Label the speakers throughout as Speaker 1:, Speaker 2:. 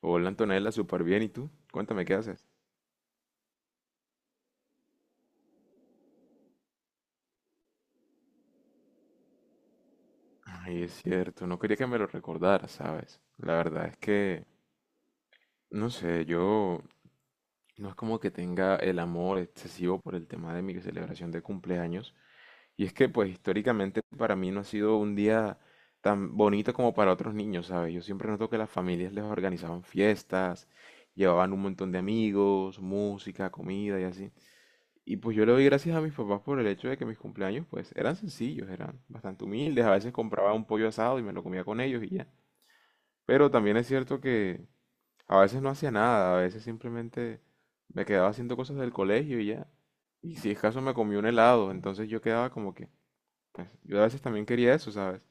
Speaker 1: Hola Antonella, súper bien. ¿Y tú? Cuéntame qué haces. Ay, es cierto, no quería que me lo recordaras, ¿sabes? La verdad es que, no sé, yo no es como que tenga el amor excesivo por el tema de mi celebración de cumpleaños. Y es que, pues, históricamente para mí no ha sido un día tan bonito como para otros niños, ¿sabes? Yo siempre noto que las familias les organizaban fiestas, llevaban un montón de amigos, música, comida y así. Y pues yo le doy gracias a mis papás por el hecho de que mis cumpleaños pues eran sencillos, eran bastante humildes, a veces compraba un pollo asado y me lo comía con ellos y ya. Pero también es cierto que a veces no hacía nada, a veces simplemente me quedaba haciendo cosas del colegio y ya. Y si es caso me comí un helado, entonces yo quedaba como que, pues yo a veces también quería eso, ¿sabes?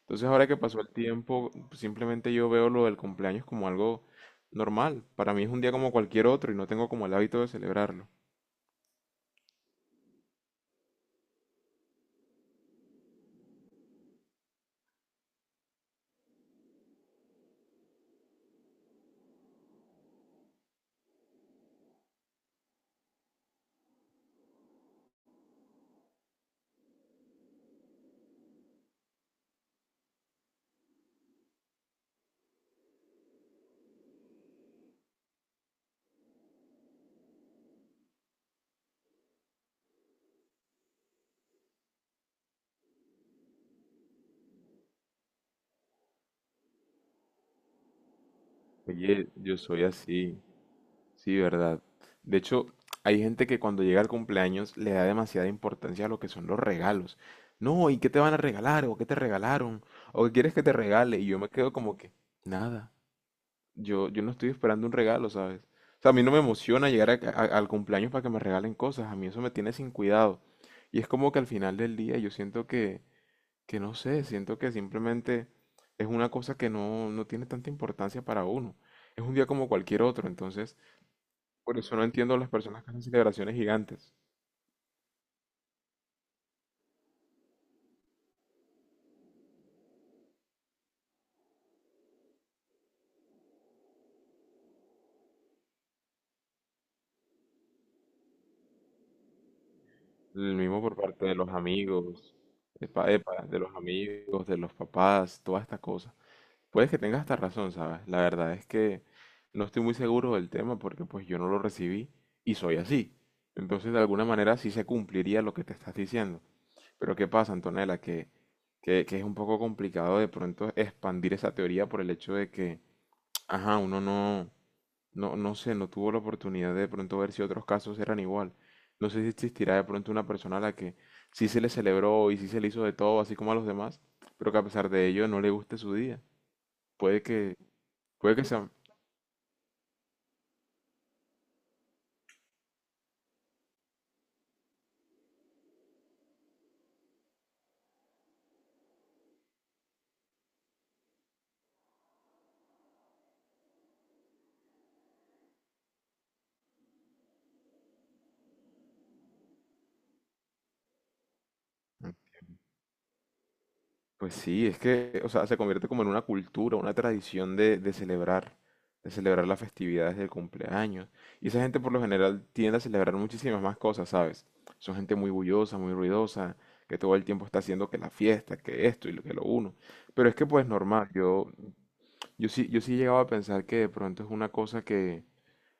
Speaker 1: Entonces ahora que pasó el tiempo, simplemente yo veo lo del cumpleaños como algo normal. Para mí es un día como cualquier otro y no tengo como el hábito de celebrarlo. Oye, yo soy así. Sí, verdad. De hecho, hay gente que cuando llega el cumpleaños le da demasiada importancia a lo que son los regalos. No, ¿y qué te van a regalar? ¿O qué te regalaron? ¿O qué quieres que te regale? Y yo me quedo como que, nada. Yo no estoy esperando un regalo, ¿sabes? O sea, a mí no me emociona llegar al cumpleaños para que me regalen cosas. A mí eso me tiene sin cuidado. Y es como que al final del día yo siento que no sé, siento que simplemente es una cosa que no, no tiene tanta importancia para uno. Es un día como cualquier otro, entonces... Por eso no entiendo las personas que hacen celebraciones gigantes. El mismo por parte de los amigos, epa, epa, de los amigos, de los papás, toda esta cosa. Puedes que tengas hasta razón, ¿sabes? La verdad es que no estoy muy seguro del tema porque pues yo no lo recibí y soy así. Entonces de alguna manera sí se cumpliría lo que te estás diciendo. Pero ¿qué pasa, Antonella? Que es un poco complicado de pronto expandir esa teoría por el hecho de que, ajá, uno no No, no sé, no tuvo la oportunidad de pronto ver si otros casos eran igual. No sé si existirá de pronto una persona a la que sí se le celebró y sí se le hizo de todo, así como a los demás, pero que a pesar de ello no le guste su día. Puede que, puede que sea, pues sí, es que, o sea, se convierte como en una cultura, una tradición de celebrar las festividades del cumpleaños. Y esa gente por lo general tiende a celebrar muchísimas más cosas, ¿sabes? Son gente muy bullosa, muy ruidosa, que todo el tiempo está haciendo que la fiesta, que esto y lo que lo uno. Pero es que pues normal, yo sí, yo sí llegaba a pensar que de pronto es una cosa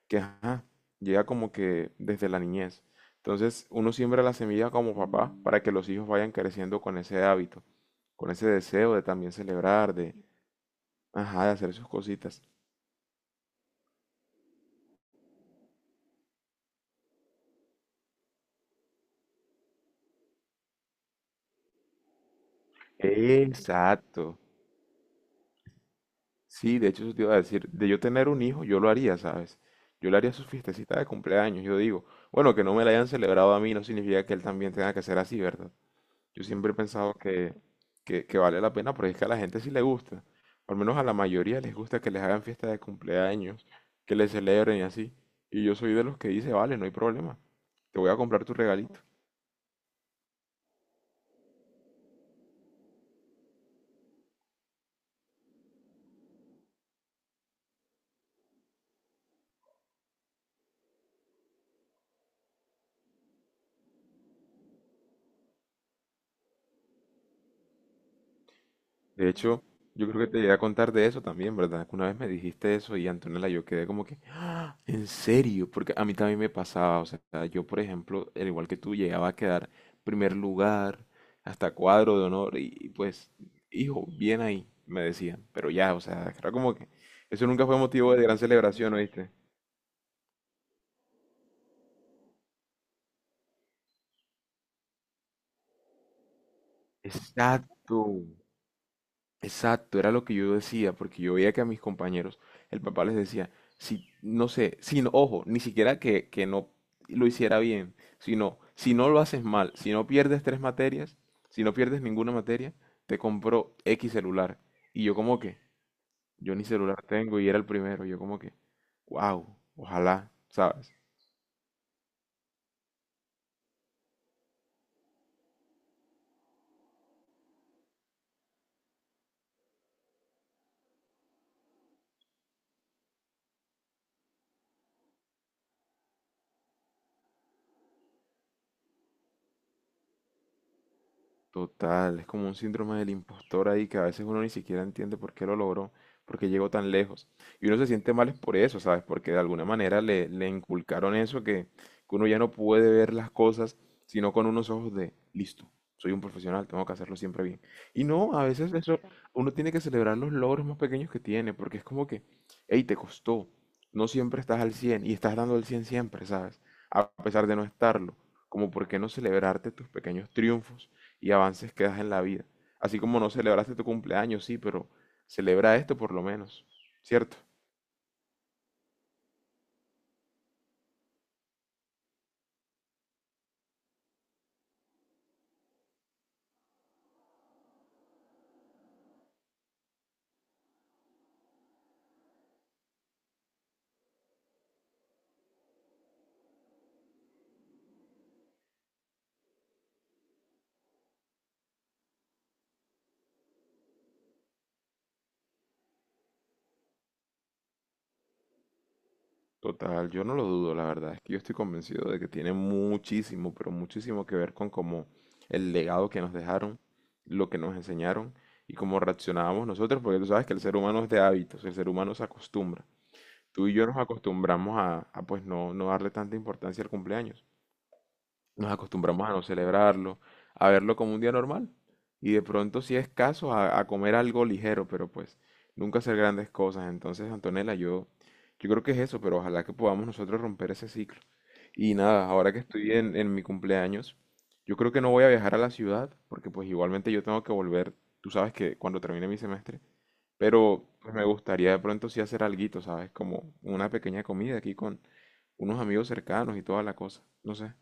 Speaker 1: que ajá, llega como que desde la niñez. Entonces uno siembra la semilla como papá para que los hijos vayan creciendo con ese hábito con ese deseo de también celebrar, de, ajá, de hacer sus cositas. Exacto. Sí, de hecho eso te iba a decir, de yo tener un hijo, yo lo haría, ¿sabes? Yo le haría su fiestecita de cumpleaños, yo digo, bueno, que no me la hayan celebrado a mí no significa que él también tenga que ser así, ¿verdad? Yo siempre he pensado que vale la pena porque es que a la gente sí le gusta, al menos a la mayoría les gusta que les hagan fiesta de cumpleaños, que les celebren y así. Y yo soy de los que dice, vale, no hay problema, te voy a comprar tu regalito. De hecho, yo creo que te llegué a contar de eso también, ¿verdad? Que una vez me dijiste eso y Antonella, yo quedé como que, "Ah, ¿en serio?". Porque a mí también me pasaba, o sea, yo por ejemplo, al igual que tú, llegaba a quedar primer lugar, hasta cuadro de honor y pues, hijo, bien ahí, me decían. Pero ya, o sea, era como que eso nunca fue motivo de gran celebración, ¿oíste? Exacto. Exacto, era lo que yo decía, porque yo veía que a mis compañeros, el papá les decía, si, no sé, si no- ojo, ni siquiera que no lo hiciera bien, sino, si no lo haces mal, si no pierdes tres materias, si no pierdes ninguna materia, te compro X celular. Y yo como que, yo ni celular tengo y era el primero, yo como que, wow, ojalá, ¿sabes? Total, es como un síndrome del impostor ahí que a veces uno ni siquiera entiende por qué lo logró, por qué llegó tan lejos. Y uno se siente mal es por eso, ¿sabes? Porque de alguna manera le, le inculcaron eso que uno ya no puede ver las cosas sino con unos ojos de, listo, soy un profesional, tengo que hacerlo siempre bien. Y no, a veces eso, uno tiene que celebrar los logros más pequeños que tiene, porque es como que, hey, te costó, no siempre estás al 100 y estás dando el 100 siempre, ¿sabes? A pesar de no estarlo, como por qué no celebrarte tus pequeños triunfos y avances que das en la vida. Así como no celebraste tu cumpleaños, sí, pero celebra esto por lo menos, ¿cierto? Total, yo no lo dudo, la verdad, es que yo estoy convencido de que tiene muchísimo, pero muchísimo que ver con cómo el legado que nos dejaron, lo que nos enseñaron y cómo reaccionábamos nosotros, porque tú sabes que el ser humano es de hábitos, el ser humano se acostumbra. Tú y yo nos acostumbramos a, pues no, no darle tanta importancia al cumpleaños. Nos acostumbramos a no celebrarlo, a verlo como un día normal. Y de pronto, si es caso, a comer algo ligero, pero pues nunca hacer grandes cosas. Entonces, Antonella, yo creo que es eso, pero ojalá que podamos nosotros romper ese ciclo. Y nada, ahora que estoy en mi cumpleaños, yo creo que no voy a viajar a la ciudad, porque pues igualmente yo tengo que volver, tú sabes que cuando termine mi semestre, pero pues me gustaría de pronto sí hacer alguito, ¿sabes? Como una pequeña comida aquí con unos amigos cercanos y toda la cosa. No sé.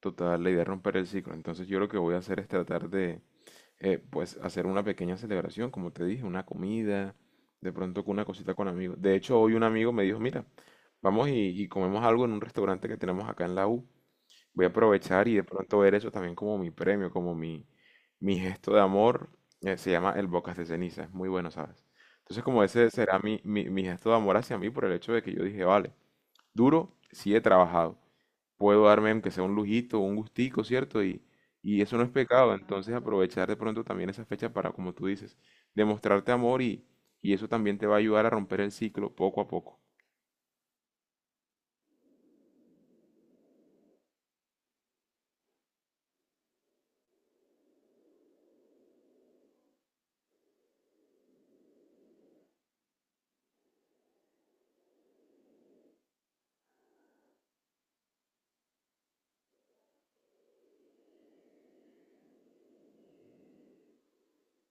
Speaker 1: Total, la idea es romper el ciclo. Entonces yo lo que voy a hacer es tratar de, pues, hacer una pequeña celebración, como te dije, una comida, de pronto con una cosita con amigos. De hecho, hoy un amigo me dijo, mira, vamos y comemos algo en un restaurante que tenemos acá en la U. Voy a aprovechar y de pronto ver eso también como mi premio, como mi gesto de amor. Se llama el Bocas de Ceniza, es muy bueno, ¿sabes? Entonces como ese será mi, mi, mi gesto de amor hacia mí por el hecho de que yo dije, vale, duro, sí he trabajado puedo darme aunque sea un lujito, un gustico, ¿cierto? Y eso no es pecado, entonces aprovechar de pronto también esa fecha para, como tú dices, demostrarte amor y eso también te va a ayudar a romper el ciclo poco a poco.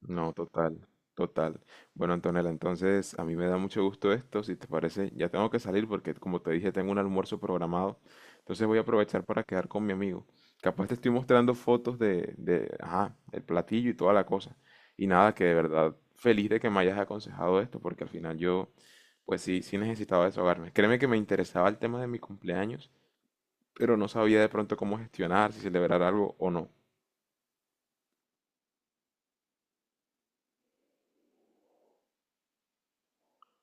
Speaker 1: No, total, total. Bueno, Antonella, entonces a mí me da mucho gusto esto, si te parece, ya tengo que salir porque como te dije, tengo un almuerzo programado, entonces voy a aprovechar para quedar con mi amigo. Capaz te estoy mostrando fotos de, ajá, el platillo y toda la cosa. Y nada, que de verdad feliz de que me hayas aconsejado esto, porque al final yo, pues sí, sí necesitaba desahogarme. Créeme que me interesaba el tema de mi cumpleaños, pero no sabía de pronto cómo gestionar, si celebrar algo o no.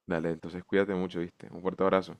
Speaker 1: Dale, entonces cuídate mucho, ¿viste? Un fuerte abrazo.